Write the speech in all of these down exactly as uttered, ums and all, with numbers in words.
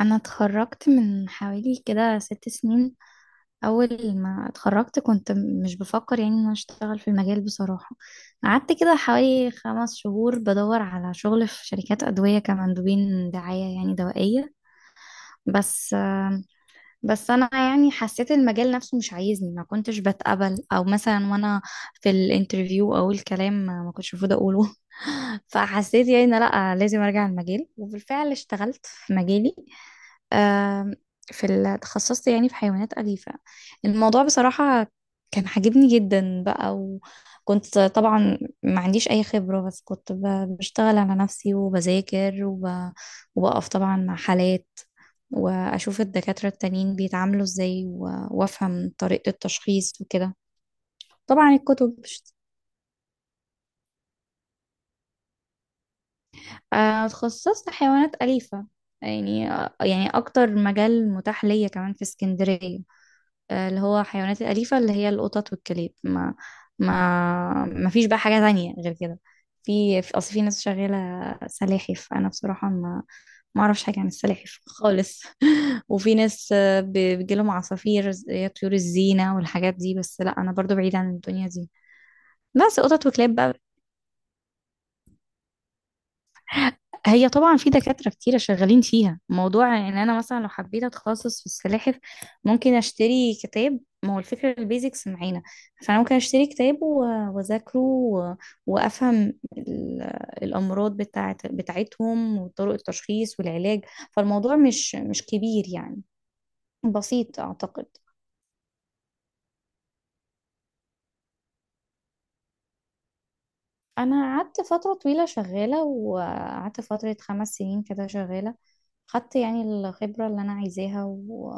انا اتخرجت من حوالي كده ست سنين. اول ما اتخرجت كنت م- مش بفكر يعني ان انا اشتغل في المجال بصراحة. قعدت كده حوالي خمس شهور بدور على شغل في شركات ادوية كمندوبين دعاية يعني دوائية. بس بس انا يعني حسيت المجال نفسه مش عايزني، ما كنتش بتقبل او مثلا وانا في الانترفيو او الكلام ما كنتش المفروض اقوله. فحسيت يعني إن لا لازم ارجع المجال، وبالفعل اشتغلت في مجالي. آم، في ال- تخصصت يعني في حيوانات أليفة. الموضوع بصراحة كان عاجبني جدا بقى. وكنت طبعا ما عنديش أي خبرة، بس كنت ب- بشتغل على نفسي وبذاكر وب... وبقف طبعا مع حالات، واشوف الدكاترة التانيين بيتعاملوا ازاي و- وافهم طريقة التشخيص وكده. طبعا الكتب. آه، اتخصصت حيوانات أليفة. يعني آه، يعني اكتر مجال متاح ليا كمان في اسكندرية، آه، اللي هو حيوانات الأليفة اللي هي القطط والكلاب. ما ما ما فيش بقى حاجة تانية غير كده. في في- أصل في ناس شغالة سلاحف. أنا بصراحة ما ما أعرفش حاجة عن السلاحف خالص. وفي ناس آه، ب- بيجيلهم عصافير زي طيور الزينة والحاجات دي، بس لا أنا برضو بعيدة عن الدنيا دي. بس قطط وكلاب بقى. هي طبعا في دكاترة كتيرة شغالين فيها. موضوع ان انا مثلا لو حبيت اتخصص في السلاحف، ممكن اشتري كتاب، ما هو الفكرة البيزكس معانا. فانا ممكن اشتري كتاب و- واذاكره و- وافهم ال- الامراض بتاعت بتاعتهم وطرق التشخيص والعلاج. فالموضوع مش مش كبير يعني، بسيط اعتقد. انا قعدت فتره طويله شغاله، وقعدت فتره خمس سنين كده شغاله. خدت يعني الخبره اللي انا عايزاها و...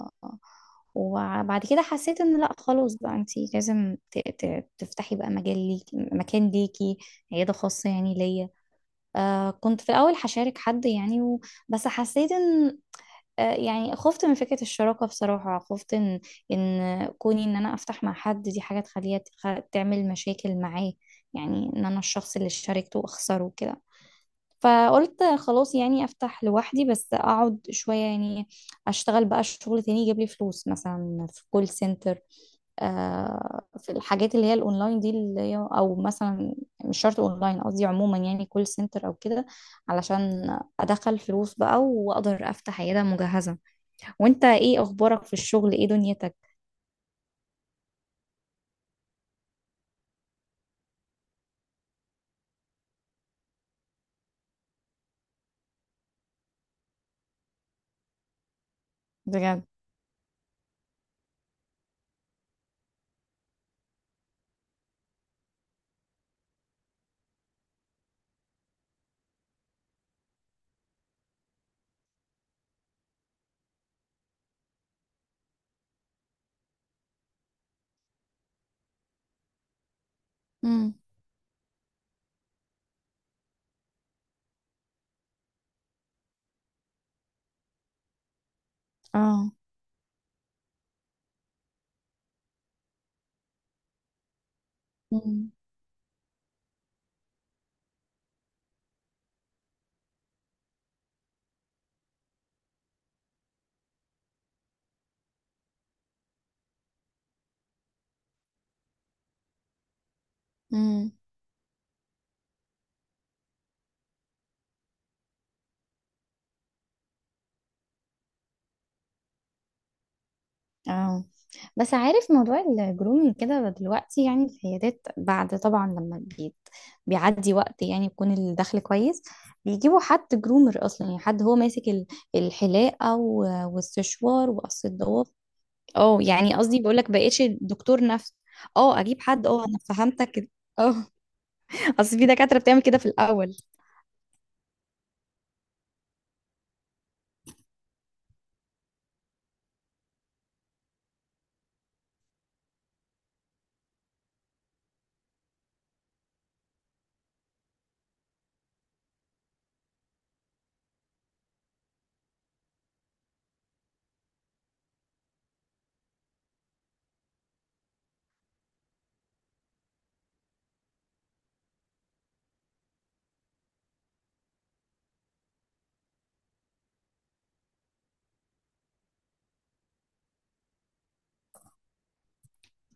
وبعد كده حسيت ان لا خلاص بقى، انتي لازم ت... ت... تفتحي بقى مجال ليكي، مكان ليكي، عياده خاصه يعني ليا. آه، كنت في الاول هشارك حد يعني و... بس حسيت ان آه، يعني خفت من فكرة الشراكة. بصراحة خفت ان ان كوني ان انا افتح مع حد دي حاجة تخليها تخ- تعمل مشاكل معاه، يعني ان انا الشخص اللي شاركته اخسره كده. فقلت خلاص يعني افتح لوحدي، بس اقعد شوية يعني اشتغل بقى شغل تاني يجيب لي فلوس، مثلا في كول سنتر، آه، في الحاجات اللي هي الاونلاين دي اللي هي، او مثلا مش شرط اونلاين، قصدي عموما يعني كول سنتر او كده، علشان ادخل فلوس بقى واقدر افتح عياده مجهزه. وانت ايه اخبارك في الشغل؟ ايه دنيتك؟ بجد. امم. اه. امم. امم. اه، بس عارف موضوع الجرومينج كده دلوقتي، يعني العيادات بعد طبعا لما بيت بيعدي وقت، يعني يكون الدخل كويس، بيجيبوا حد جرومر اصلا، يعني حد هو ماسك ال- الحلاقه و- والسشوار وقص الضوافر. اه يعني قصدي بقول لك بقيتش دكتور نفس. اه اجيب حد، اه انا فهمتك كده. اه. اصل في دكاتره بتعمل كده في الاول.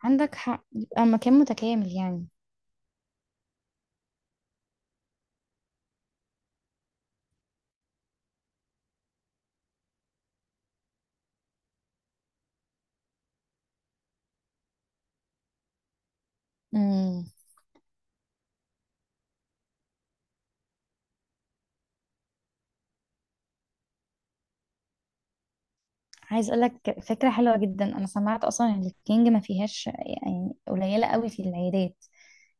عندك حق، يبقى مكان متكامل يعني. مم. عايز اقول لك فكره حلوه جدا، انا سمعت اصلا ان الكينج ما فيهاش، يعني قليله قوي في العيادات.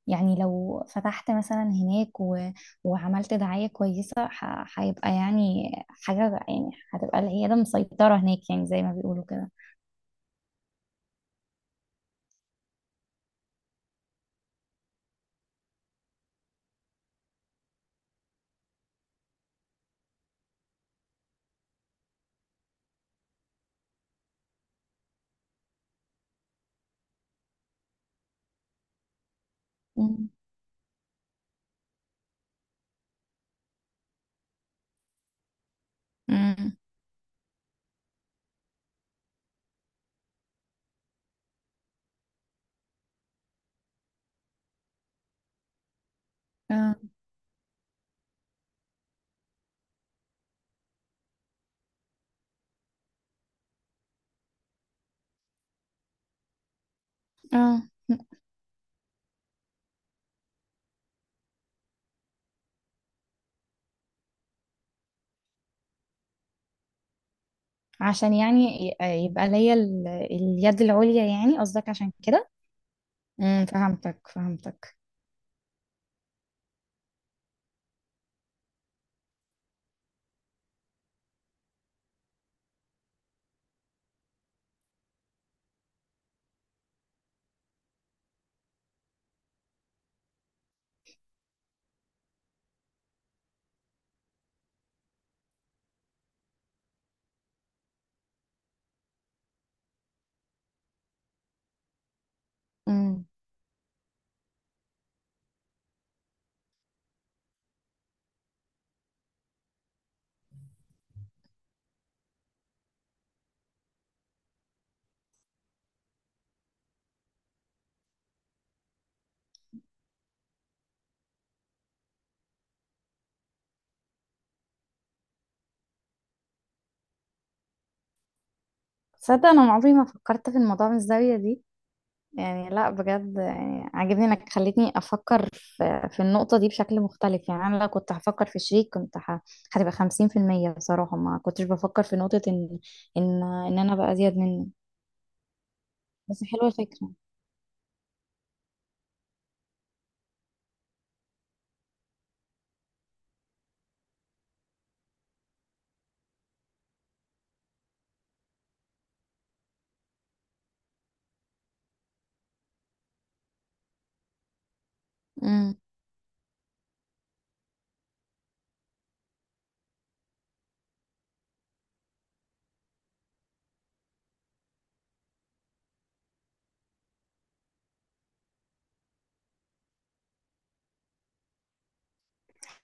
يعني لو فتحت مثلا هناك و... وعملت دعايه كويسه، ح... هيبقى يعني حاجه، يعني هتبقى العياده مسيطره هناك يعني زي ما بيقولوا كده. مم. مم. اه. اه، عشان يعني ي- يبقى ليا ال... اليد العليا يعني، قصدك عشان كده. امم، فهمتك فهمتك. امم. تصدق انا عمري ما فكرت في الموضوع من الزاويه دي، يعني لا بجد، يعني عاجبني انك خليتني افكر في في النقطة دي بشكل مختلف. يعني انا لو كنت هفكر في شريك، كنت ه- هتبقى خمسين في المية. بصراحة ما كنتش بفكر في نقطة ان ان ان انا بقى ازيد منه. بس حلوة الفكرة. امم.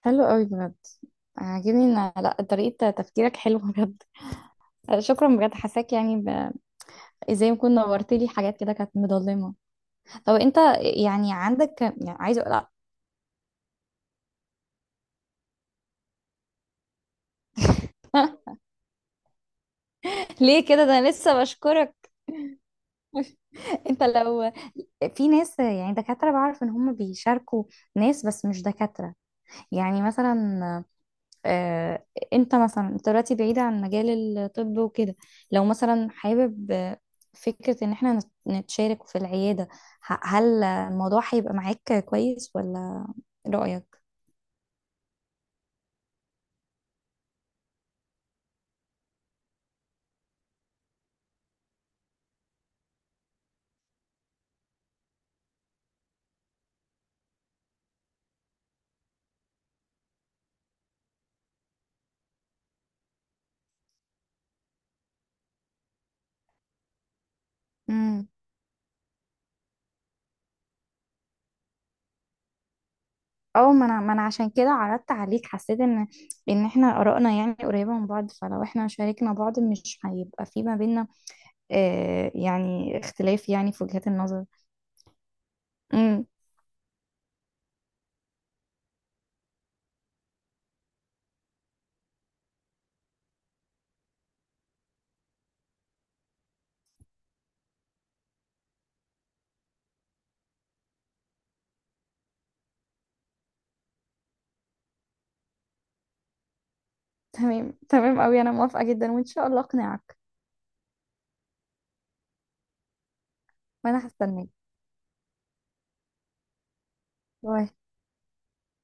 حلو قوي بجد. عاجبني ان لا طريقة تفكيرك حلوة بجد. شكرا بجد، حساك يعني ب... ازاي ما كنت، نورت لي حاجات كده كانت مضلمة. طب انت يعني عندك يعني عايزة لا. ليه كده، ده انا لسه بشكرك. انت لو في ناس يعني دكاترة بعرف ان هم بيشاركوا ناس، بس مش دكاترة يعني، مثلا آه، انت مثلا انت دلوقتي بعيدة عن مجال الطب وكده، لو مثلا حابب آه، فكرة ان احنا نت- نتشارك في العيادة، ه- هل الموضوع هيبقى معاك كويس، ولا رأيك؟ امم. اه، ما انا ما انا عشان كده عرضت عليك، حسيت ان ان احنا آرائنا يعني قريبة من بعض، فلو احنا شاركنا بعض مش هيبقى في ما بينا آه، يعني اختلاف يعني في وجهات النظر. تمام تمام أوي، أنا موافقة جدا، وإن شاء الله أقنعك. وأنا هستناك. باي.